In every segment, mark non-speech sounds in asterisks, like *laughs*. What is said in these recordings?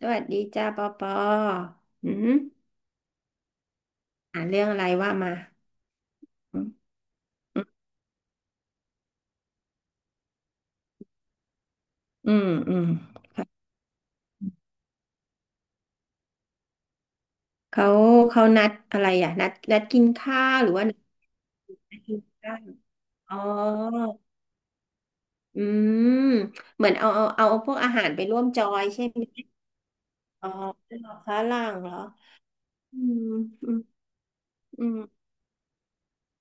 สวัสดีจ้าปอปออืมอ่านเรื่องอะไรว่ามา อืมอืมอืมค่ะเขา เขานัดอะไรอ่ะ นัดกินข้าวหรือว่านัดกินข้าวอ๋อ อืมเหมือนเอาพวกอาหารไปร่วมจอยใช่ไหมอ๋อฝรั่งเหรอ อืมอืมอืม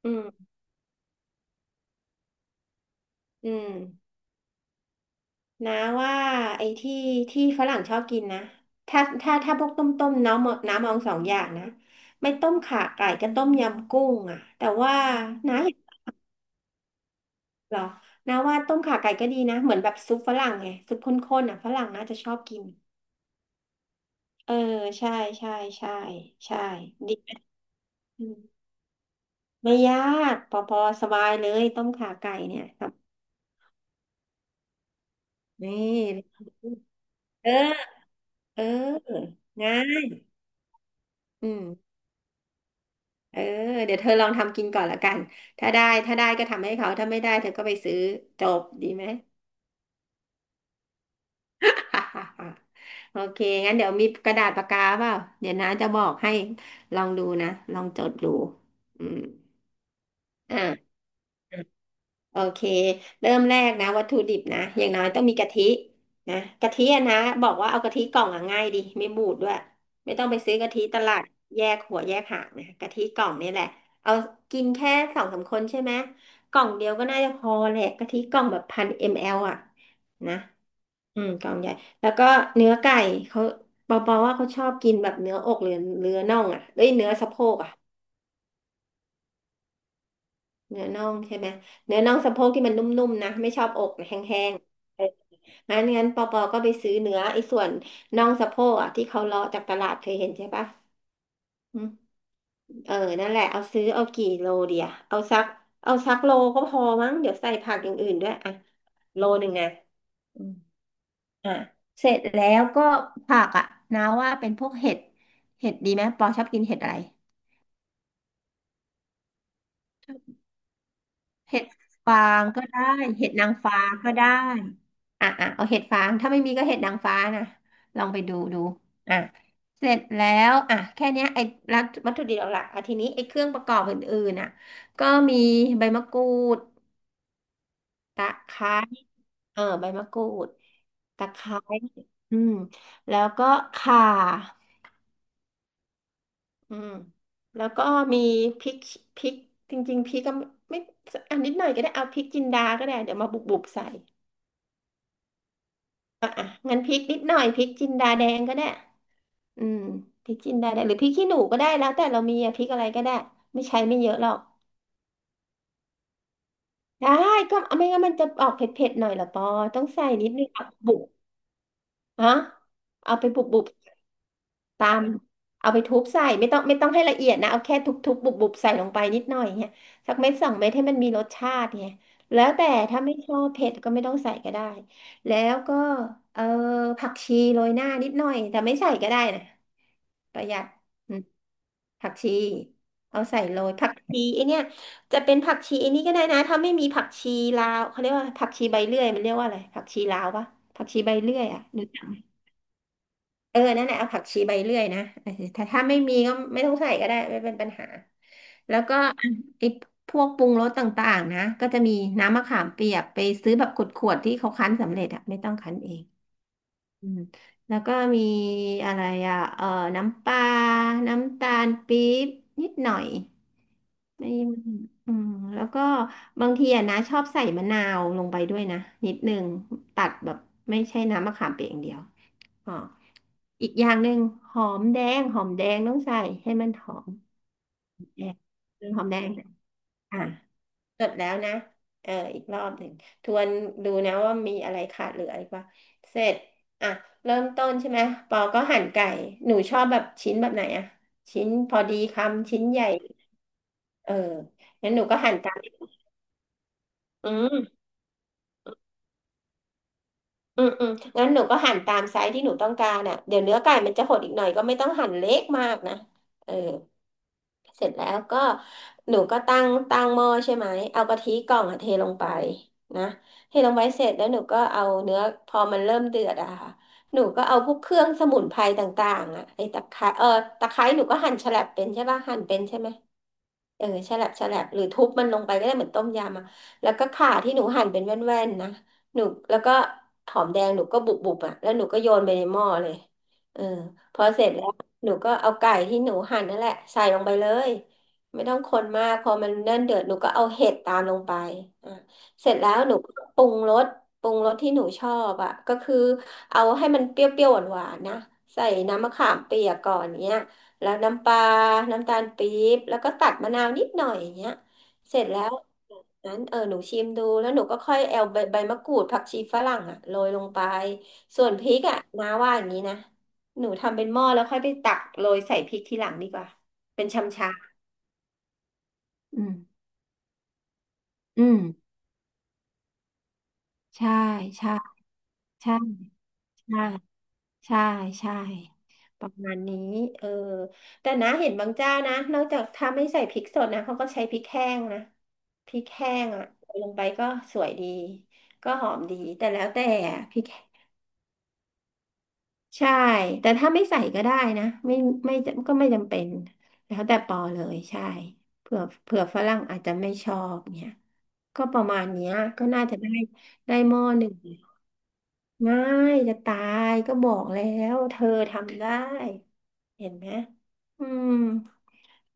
อืมอืม นะว่าไอ้ที่ฝรั่งชอบกินนะถ้าพวกต้มน้ำมองสองอย่างนะไม่ต้มข่าไก่ก็ต้มยำกุ้งอ่ะแต่ว่าน้าเห็นเหรอน้าว่าต้มข่าไก่ก็ดีนะเหมือนแบบซุปฝรั่งไงซุปข้นๆอ่ะฝรั่งน่าจะชอบกินเออใช่ใช่ใช่ใช่ดีไหมอืมไม่ยากพอพอสบายเลยต้มข่าไก่เนี่ยครับนี่เออเออง่ายอืม เออเดี๋ยวเธอลองทำกินก่อนละกันถ้าได้ก็ทำให้เขาถ้าไม่ได้เธอก็ไปซื้อจบดีไหม *laughs* โอเคงั้นเดี๋ยวมีกระดาษปากกาเปล่าเดี๋ยวน้าจะบอกให้ลองดูนะลองจดดูอืมอ่า โอเค เริ่มแรกนะวัตถุดิบนะอย่างน้อยต้องมีกะทิ นะกะทิอะนะบอกว่าเอากะทิกล่องอะง่ายดีไม่บูดด้วยไม่ต้องไปซื้อกะทิตลาดแยกหัวแยกหางนะกะทิกล่องนี่แหละเอากินแค่สองสามคนใช่ไหมกล่องเดียวก็น่าจะพอแหละกะทิกล่องแบบพันมลอ่ะนะอืมกล่องใหญ่แล้วก็เนื้อไก่เขาบอกว่าเขาชอบกินแบบเนื้ออกหรือเนื้อน่องอ่ะเอ้ยเนื้อสะโพกอ่ะ เนื้อน่องใช่ไหมเนื้อน่องสะโพกที่มันนุ่มๆนะไม่ชอบอกนะแห้งๆเอองั้นงั้นปอปอก็ไปซื้อเนื้อไอ้ส่วนน่องสะโพกอ่ะที่เขาเลาะจากตลาดเคยเห็นใช่ปะอืมเออนั่นแหละเอาซื้อเอากี่โลเดียเอาสักเอาสักโลก็พอมั้งเดี๋ยวใส่ผักอย่างอื่นด้วยอ่ะโลหนึ่งนะอืมอ่ะเสร็จแล้วก็ผักอ่ะนาว่าเป็นพวกเห็ดเห็ดดีไหมปอชอบกินเห็ดอะไร เห็ดฟางก็ได้เห็ดนางฟ้าก็ได้อ่ะอ่ะเอาเห็ดฟางถ้าไม่มีก็เห็ดนางฟ้านะลองไปดูดูอ่ะเสร็จแล้วอ่ะแค่เนี้ยไอ้วัตถุดิบหลักๆอ่ะทีนี้ไอ้เครื่องประกอบอื่นๆน่ะ ก็มีใบมะกรูดตะไคร้เออใบมะกรูดตะไคร้อืมแล้วก็ข่าอืมแล้วก็มีพริกพริกจริงๆพริกก็ไม่อันนิดหน่อยก็ได้เอาพริกจินดาก็ได้เดี๋ยวมาบุบๆใส่ อ่ะอ่ะงั้นพริกนิดหน่อยพริกจินดาแดงก็ได้อืมพริกจินดาแดงหรือพริกขี้หนูก็ได้แล้วแต่เรามีอะพริกอะไรก็ได้ไม่ใช้ไม่เยอะหรอก ได้ก็เอาไม่งั้นมันจะออกเผ็ดๆหน่อยเหรอปอต้องใส่นิดนึงอ่ะบุบฮะเอาไปบุบๆ ตามเอาไปทุบใส่ไม่ต้องให้ละเอียดนะเอาแค่ทุบๆบุบๆใส่ลงไปนิดหน่อยเนี่ยสักเม็ดสองเม็ดให้มันมีรสชาติเนี่ยแล้วแต่ถ้าไม่ชอบเผ็ดก็ไม่ต้องใส่ก็ได้แล้วก็เออผักชีโรยหน้านิดหน่อยแต่ไม่ใส่ก็ได้นะประหยัดอืมผักชีเอาใส่โรยผักชีไอเนี่ยจะเป็นผักชีไอนี่ก็ได้นะถ้าไม่มีผักชีลาวเขาเรียกว่าผักชีใบเลื่อยมันเรียกว่าอะไรผักชีลาวปะผักชีใบเลื่อยอ่ะ เออ นั่นแหละ เอาผักชีใบเลื่อยนะเออถ้าไม่มีก็ไม่ต้องใส่ก็ได้ไม่เป็นปัญหา แล้วก็ไอ้พวกปรุงรสต่างๆนะ ก็จะมีน้ำมะขามเปียกไปซื้อแบบขวดๆที่เขาคั้นสำเร็จอะไม่ต้องคั้นเองอืมแล้วก็มีอะไรอะเออน้ำปลาน้ำตาลปี๊บนิดหน่อยไม่อืมแล้วก็บางทีอะนะชอบใส่มะนาวลงไปด้วยนะนิดนึงตัดแบบไม่ใช่น้ำมะขามเปียกอย่างเดียว อ๋ออีกอย่างหนึ่งหอมแดงหอมแดงต้องใส่ให้มันหอมแดงหอมแดงอ่ะจดแล้วนะเอออีกรอบหนึ่งทวนดูนะว่ามีอะไรขาดเหลืออีกว่าเสร็จอ่ะเริ่มต้นใช่ไหมปอก็หั่นไก่หนูชอบแบบชิ้นแบบไหนอะชิ้นพอดีคำชิ้นใหญ่เอองั้นหนูก็หั่นตามอืมอืมอืมงั้นหนูก็หั่นตามไซส์ที่หนูต้องการอ่ะเดี๋ยวเนื้อไก่มันจะหดอีกหน่อยก็ไม่ต้องหั่นเล็กมากนะเออ เสร็จแล้วก็หนูก็ตั้งหม้อใช่ไหมเอากะทิกล่องอะเทลงไปนะเทลงไปเสร็จแล้วหนูก็เอาเนื้อพอมันเริ่มเดือดอะค่ะหนูก็เอาพวกเครื่องสมุนไพรต่างๆอะไอ้ตะไคร้เออตะไคร้หนูก็หั่นฉลับเป็นใช่ป่ะหั่นเป็นใช่ไหม เออแฉลบแฉลบหรือทุบมันลงไปก็ได้เหมือนต้มยำอะแล้วก็ข่าที่หนูหั่นเป็นแว่นๆนะหนูแล้วก็หอมแดงหนูก็บุบๆอ่ะแล้วหนูก็โยนไปในหม้อเลยเออพอเสร็จแล้วหนูก็เอาไก่ที่หนูหั่นนั่นแหละใส่ลงไปเลยไม่ต้องคนมากพอมันเนิ่นเดือดหนูก็เอาเห็ดตามลงไปอ่ะเสร็จแล้วหนูก็ปรุงรสปรุงรสที่หนูชอบอ่ะก็คือเอาให้มันเปรี้ยวๆหวานๆนะใส่น้ำมะขามเปียกก่อนเนี้ย แล้วน้ำปลาน้ำตาลปี๊บ แล้วก็ตัดมะนาวนิดหน่อยอย่างเงี้ยเสร็จแล้วนั้นเออหนูชิมดู แล้วหนูก็ค่อยเอาใบใบมะกรูดผักชีฝรั่งอะโรยลงไป ส่วนพริกอะน้าว่าอย่างนี้นะ หนูทำเป็นหม้อแล้วค่อยไปตักโรยใส่พริกทีหลังดีกว่า เป็นชำชาอืมอืม ใช่ ใช่ ใช่ ใช่ ใช่ใช่ประมาณนี้เออแต่นะเห็นบางเจ้านะนอกจากถ้าไม่ใส่พริกสดนะเขาก็ใช้พริกแห้งนะพริกแห้งอ่ะใส่ลงไปก็สวยดีก็หอมดีแต่แล้วแต่อะพริกใช่แต่ถ้าไม่ใส่ก็ได้นะไม่จำเป็นแล้วแต่ปอเลยใช่เผื่อฝรั่งอาจจะไม่ชอบเนี่ยก็ประมาณเนี้ยก็น่าจะได้ได้หม้อหนึ่ง ง่ายจะตายก็บอกแล้วเธอทำได้เห็นไหมอืม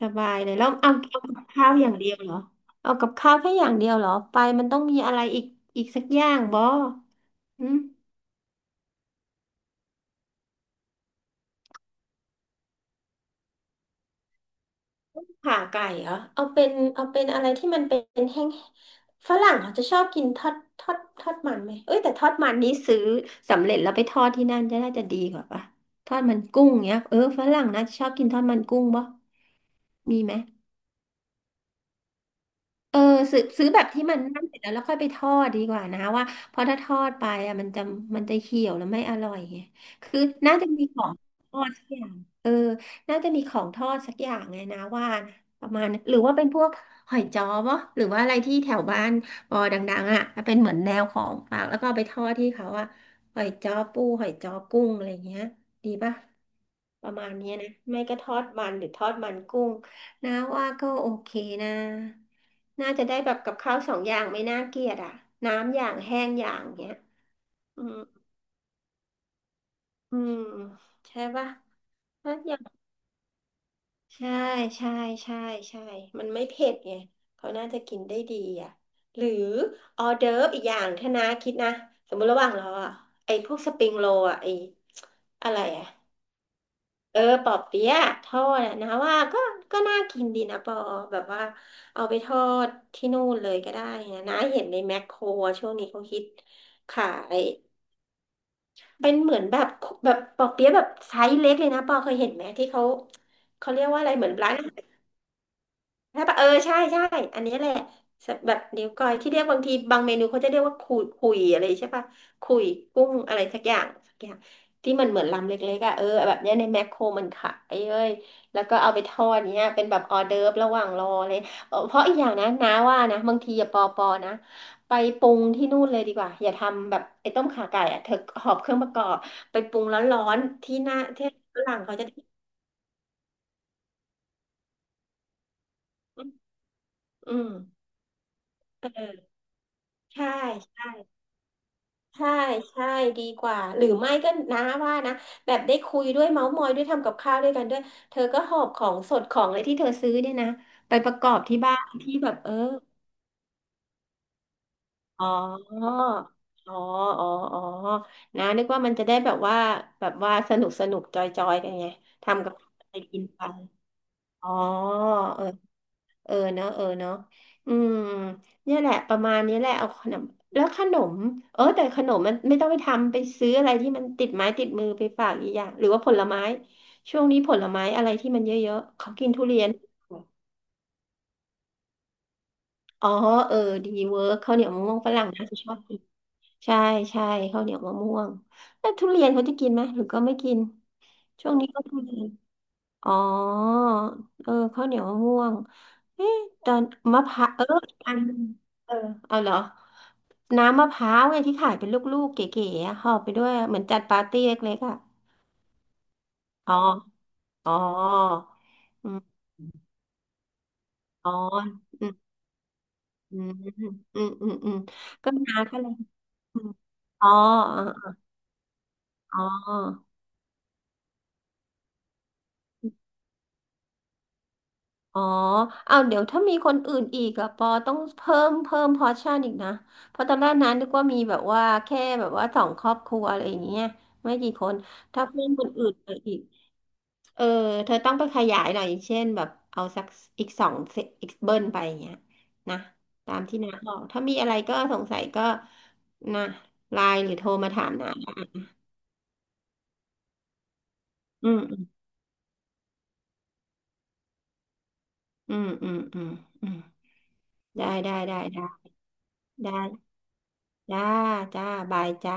สบายเลยแล้วเอาเอากับข้าวอย่างเดียวเหรอเอากับข้าวแค่อย่างเดียวเหรอไปมันต้องมีอะไรอีกอีกสักอย่างบ่อืมขาไก่เหรอเอาเป็นเอาเป็นอะไรที่มันเป็นแห้งฝรั่งเขาจะชอบกินทอดมันไหมเอ้ยแต่ทอดมันนี้ซื้อสำเร็จแล้วไปทอดที่นั่นจะน่าจะดีกว่าปะทอดมันกุ้งเนี้ยเออฝรั่งน่าจะชอบกินทอดมันกุ้งบ่มีไหม เออซื้อแบบที่มันนั่นเสร็จแล้วแล้วค่อยไปทอดดีกว่านะว่าเพราะถ้าทอดไปอ่ะมันจะเหี่ยวแล้วไม่อร่อยไงคือน่าจะมีของทอดสักอย่างเออน่าจะมีของทอดสักอย่างไงนะว่านะประมาณนั้นหรือว่าเป็นพวกหอยจ้อปะหรือว่าอะไรที่แถวบ้านปอดังๆอ่ะเป็นเหมือนแนวของฝากแล้วก็เอาไปทอดที่เขาอ่ะหอยจ้อปูหอยจ้อกุ้งอะไรอย่างเงี้ยดีปะ ประมาณเนี้ยนะไม่ก็ทอดมันหรือทอดมันกุ้งนะว่าก็โอเคนะน่าจะได้แบบกับข้าวสองอย่างไม่น่าเกลียดอ่ะน้ำอย่างแห้งอย่างเงี้ยอืมอืมใช่ปะถ้าอย่างใช่ใช่ใช่ใช่มันไม่เผ็ดไงเขาน่าจะกินได้ดีอ่ะหรือออเดิร์ฟอีกอย่างถ้านะคิดนะสมมติระหว่างเราอ่ะไอ้พวกสปริงโรลอ่ะไอ้อะไรอ่ะ เออปอเปี๊ยะทอดอะนะว่าก็ก็น่ากินดีนะปอแบบว่าเอาไปทอดที่นู่นเลยก็ได้นะนะเห็นในแมคโครอะช่วงนี้เขาฮิตขายเป็นเหมือนแบบแบบปอเปี๊ยะแบบไซส์เล็กเลยนะปอเคยเห็นไหมที่เขาเขาเรียกว่าอะไรเหมือนร้านอาหาร ใช่ปะเออใช่ใช่อันนี้แหละแบบนิ้วก้อยที่เรียกบางทีบางเมนูเขาจะเรียกว่าคุยคุยอะไรใช่ปะคุยกุ้งอะไรสักอย่างสักอย่างที่มันเหมือนลำเล็กๆอ่ะเออแบบเนี้ยในแมคโครมันขายเอ้ยแล้วก็เอาไปทอดเนี้ยเป็นแบบออเดิร์ฟระหว่างรอเลย *laughs* เออเพราะอีกอย่างนะน้าว่านะบางทีอย่าปอนะไปปรุงที่นู่นเลยดีกว่าอย่าทำแบบไอ้ต้มข่าไก่อ่ะเธอหอบเครื่องประกอบไปปรุงร้อนๆที่หน้าที่ฝรั่งเขาจะอืมเออใช่ ใช่ใช่ ดีกว่า หรือไม่ก็น้าว่านะ แบบได้คุยด้วยเมาท์มอยด้วยทำกับข้าวด้วยกันด้วยเธอก็หอบของสดของอะไรที่เธอซื้อเนี่ยนะไปประกอบที่บ้านที่แบบเอออ๋ออ๋ออ๋ออ๋อนะนึกว่ามันจะได้แบบว่าแบบว่าสนุกสนุกจอยจอยกันไงทำกับข้าวไปกินไปอ๋อเออ เออเนาะเออเนาะอืมเนี่ยแหละประมาณนี้แหละเอาขนมแล้วขนมเออแต่ขนมมันไม่ต้องไปทำไปซื้ออะไรที่มันติดไม้ติดมือไปฝากอีกอย่างหรือว่าผลไม้ช่วงนี้ผลไม้อะไรที่มันเยอะๆเขากินทุเรียนอ๋อเออดีเวิร์กข้าวเหนียวมะม่วงฝรั่งนะจะชอบกินใช่ใช่ข้าวเหนียวมะม่วงแล้วทุเรียนเขาจะกินไหมหรือก็ไม่กินช่วงนี้ก็ทุเรียน อ๋อเออข้าวเหนียวมะม่วงเอ๊ะตอนมะพร้าวเอออันเออเอาเหรอน้ำมะพร้าวไงที่ขายเป็นลูกๆเก๋ๆอะห่อไปด้วยเหมือนจัดปาร์ตี้เล็กๆอ่ะอ๋ออ๋ออืมอ๋ออืมอืมอืมอืมอืมก็น้าก็เลยอืมอ๋ออ๋ออ๋อ อ๋อ เอาวเดี๋ยวถ้ามีคนอื่นอีกอะปอต้องเพิ่มพอร์ชั่นอีกนะเพราะตอนแรกนั้นนึกว่ามีแบบว่าแค่แบบว่าสองครอบครัวอะไรอย่างเงี้ยไม่กี่คนถ้าเพิ่มคนอื่นไปอีกเออเธอต้องไปขยายหน่อยอย่างเช่นแบบเอาสักอีกสองเซอีกเบิ้ลไปอย่างเงี้ยนะตามที่น้าบอกถ้ามีอะไรก็สงสัยก็นะไลน์หรือโทรมาถามน้าอืมอืมอืมอืมอืมได้ได้ได้ได้ได้จ้าจ้าบายจ้า